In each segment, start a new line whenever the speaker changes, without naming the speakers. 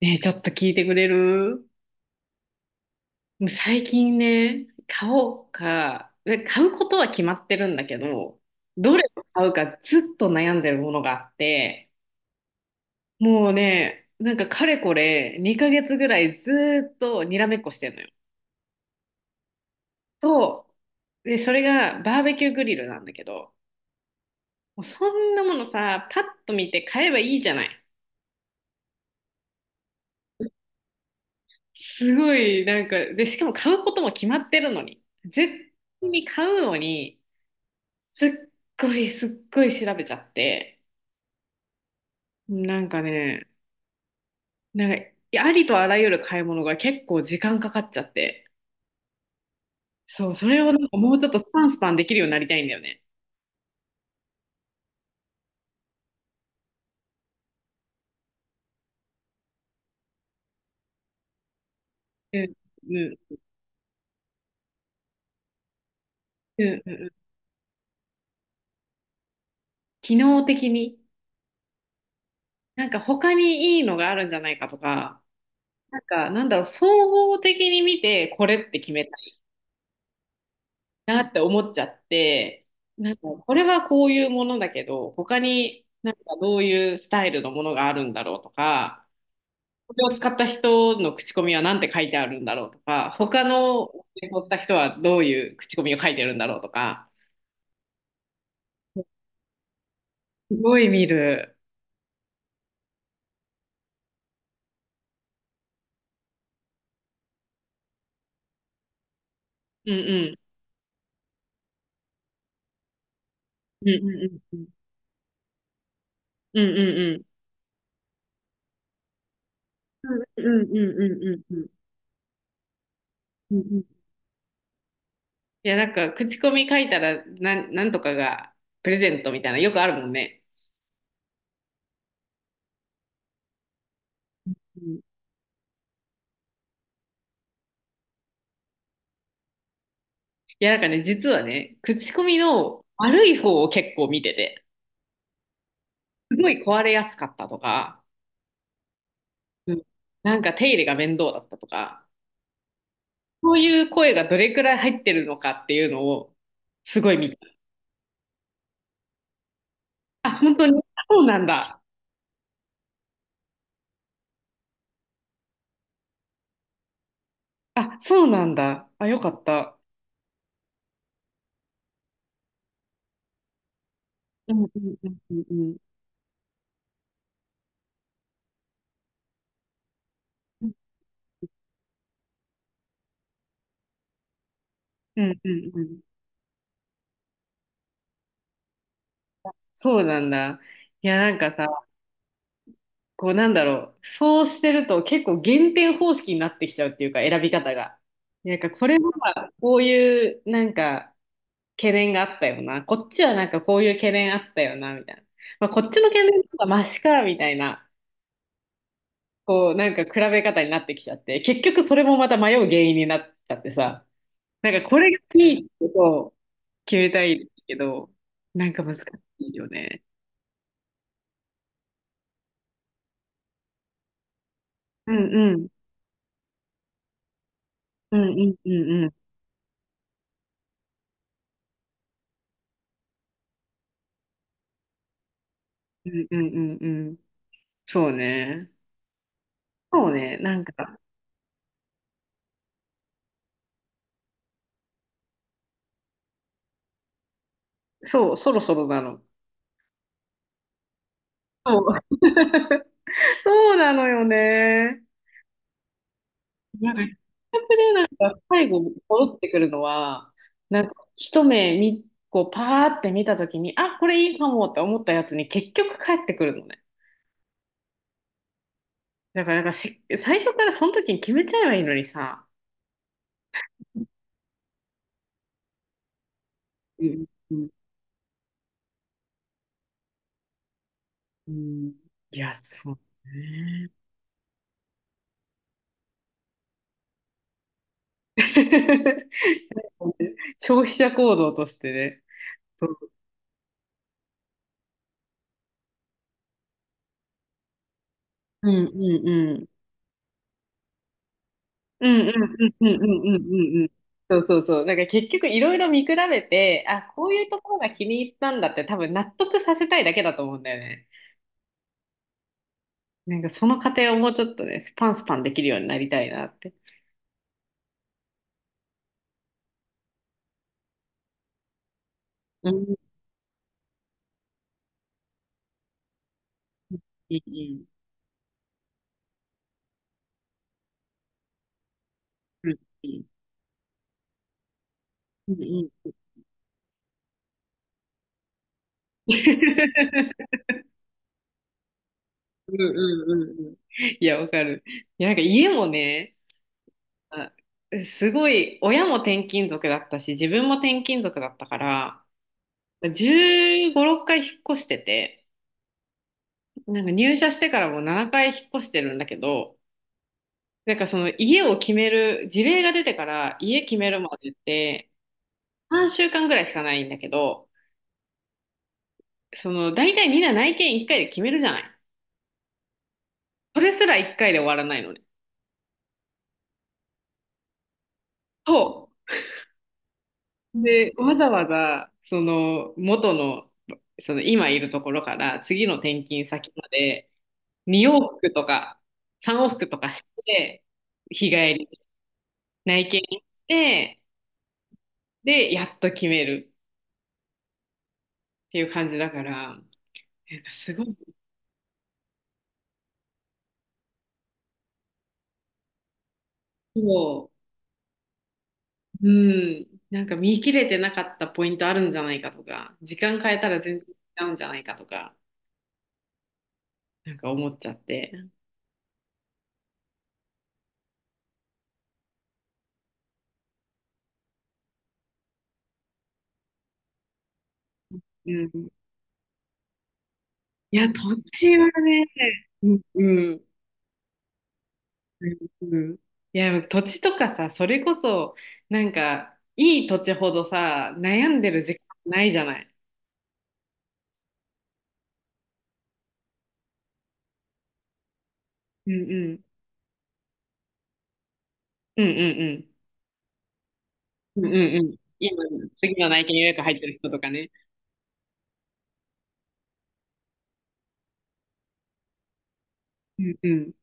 ねえ、ちょっと聞いてくれる？もう最近ね、買おうか、で買うことは決まってるんだけど、どれを買うかずっと悩んでるものがあって、もうね、なんかかれこれ2ヶ月ぐらいずーっとにらめっこしてんのよ。そう。で、それがバーベキューグリルなんだけど、もうそんなものさ、パッと見て買えばいいじゃない。すごい、なんか、で、しかも買うことも決まってるのに。絶対に買うのに、すっすっごい調べちゃって、なんかね、なんか、ありとあらゆる買い物が結構時間かかっちゃって、そう、それをなんかもうちょっとスパンスパンできるようになりたいんだよね。うん、うん、うん、うん。機能的に、なんか他にいいのがあるんじゃないかとか、なんか、なんだろう、総合的に見て、これって決めたいなって思っちゃって、なんか、これはこういうものだけど、他になんかどういうスタイルのものがあるんだろうとか、これを使った人の口コミは何て書いてあるんだろうとか、他の演奏した人はどういう口コミを書いてるんだろうとか、すごい見る。うんうん。うんうんうんうん。うんうんうんうんうんうんうん。うんうん。いや、なんか、口コミ書いたら、なんとかがプレゼントみたいな、よくあるもんね。うん。いや、なんかね、実はね、口コミの悪い方を結構見てて、すごい壊れやすかったとか、うん、なんか手入れが面倒だったとか、そういう声がどれくらい入ってるのかっていうのを、すごい見た。あ、本当に、そうなんだ。あ、そうなんだ。あ、よかった。うんうんうんうんうん。うんうんうん。そうなんだ。いや、なんかさ、こうなんだろう。そうしてると結構減点方式になってきちゃうっていうか、選び方が。なんかこれはこういうなんか懸念があったよな。こっちはなんかこういう懸念あったよな、みたいな。まあ、こっちの懸念とかマシか、みたいな。こう、なんか比べ方になってきちゃって、結局それもまた迷う原因になっちゃってさ、なんかこれがいいってことを決めたいけど、なんか難しいよね。うんうん。うんうんうんうん。うんうんうんうん。そうね。そうね。なんか、そう、そろそろなの。そう。そうなのよね。なんか、プレーなんか最後戻ってくるのは、なんか一目見、こうパーって見たときに、あ、これいいかもって思ったやつに結局帰ってくるのね。だから、なんかせ、最初からその時に決めちゃえばいいのにさ。うん、うん、うん。いや、そうね。消費者行動としてね。そう。うんうんうんうんうんうんうんうんうんうん。そうそうそう。なんか結局いろいろ見比べて、あ、こういうところが気に入ったんだって多分納得させたいだけだと思うんだよね。なんかその過程をもうちょっとね、スパンスパンできるようになりたいなって。うん、いい、いい、うん、いい、うん、いい。うんうんうんうん。いや、わかる。いや、なんか家もね、あすごい、親も転勤族だったし、自分も転勤族だったから、15、6回引っ越してて、なんか入社してからもう7回引っ越してるんだけど、なんかその家を決める、事例が出てから家決めるまでって3週間ぐらいしかないんだけど、その大体みんな内見1回で決めるじゃない。それすら1回で終わらないのね。そう。で、わざわざその元の、その今いるところから次の転勤先まで2往復とか3往復とかして、日帰り、内見して、で、やっと決める。っていう感じだから、なんかすごい、そう、うん、なんか見切れてなかったポイントあるんじゃないかとか、時間変えたら全然違うんじゃないかとか、なんか思っちゃって。うん。いや、土地はね、うん、うん、うん。いや、土地とかさ、それこそ、なんか、いい土地ほどさ、悩んでる時間ないじゃない。うんうんうんうんうんうんうんうん。今、次の内見予約入ってる人とかね。うんうん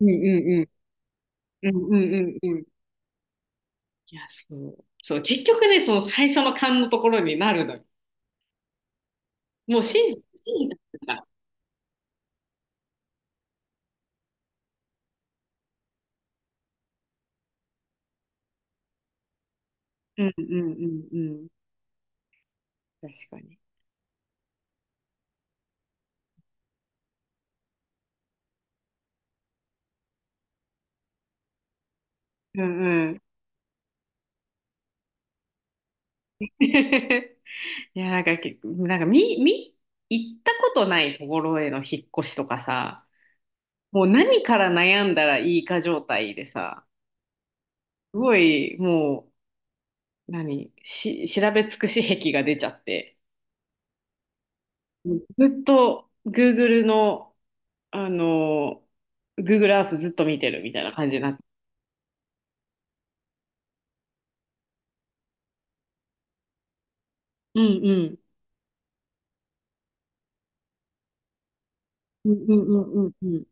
うんうんうんうんうんうんうん。いや、そう。そう、結局ね、その最初の勘のところになるのよ。もう信じ、信じてたから。うんうんうんうん。確かに。うんうん。いや、なんか、けなんか、み、み、行ったことないところへの引っ越しとかさ、もう何から悩んだらいいか状態でさ、すごい、もう、調べ尽くし癖が出ちゃって、ずっと Google のあの、Google Earth ずっと見てるみたいな感じになって。うんうんうんうんうんうんうん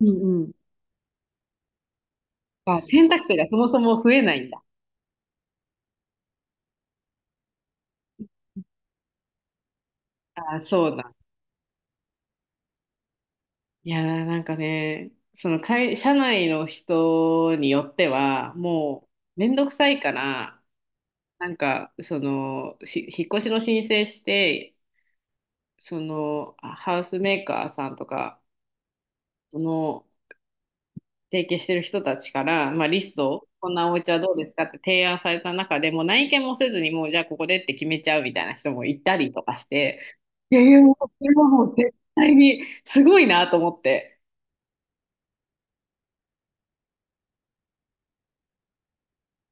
うんうん。あ、選択肢がそもそも増えないんだ。あ、そうだ。いやー、なんかね、その会、社内の人によっては、もう、めんどくさいから、なんか、その、引っ越しの申請して、その、ハウスメーカーさんとか、その、提携してる人たちから、まあ、リストを、こんなお家はどうですかって提案された中でもう内見もせずに、もうじゃあここでって決めちゃうみたいな人もいたりとかして、いやいやもうこれはもう絶対にすごいなと思って。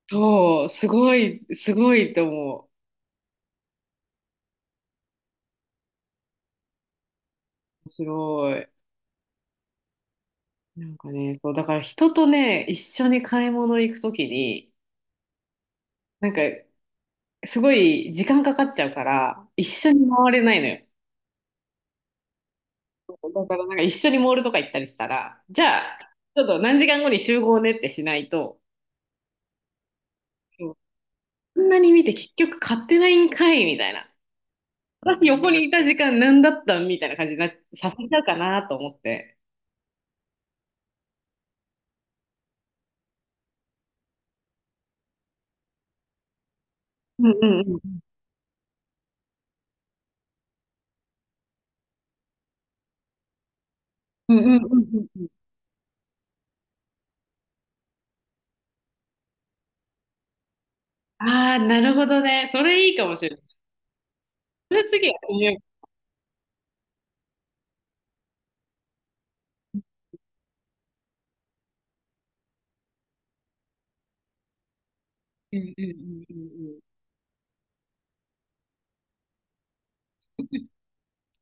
そう、すごい、すごいと思う。面白い。なんかね、そう、だから人とね、一緒に買い物行くときに、なんか、すごい時間かかっちゃうから、一緒に回れないのよ。だからなんか一緒にモールとか行ったりしたら、じゃあ、ちょっと何時間後に集合ねってしないと、そうこんなに見て結局買ってないんかいみたいな。私横にいた時間何だったんみたいな感じになさせちゃうかなと思って。うんうんうん。うんうんうんうんうん。ああ、なるほどね。それいいかもしれない。それ次はう。うんうんうんうんうん。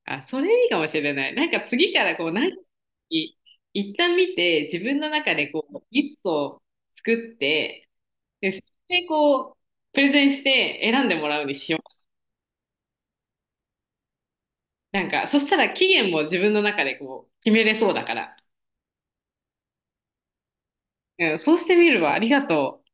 あ、それいいかもしれない。なんか次からこう、い一旦見て、自分の中でこう、リストを作って、で、それでこう、プレゼンして選んでもらうにしよう。なんか、そしたら期限も自分の中でこう、決めれそうだから。うん、そうしてみるわ。ありがとう。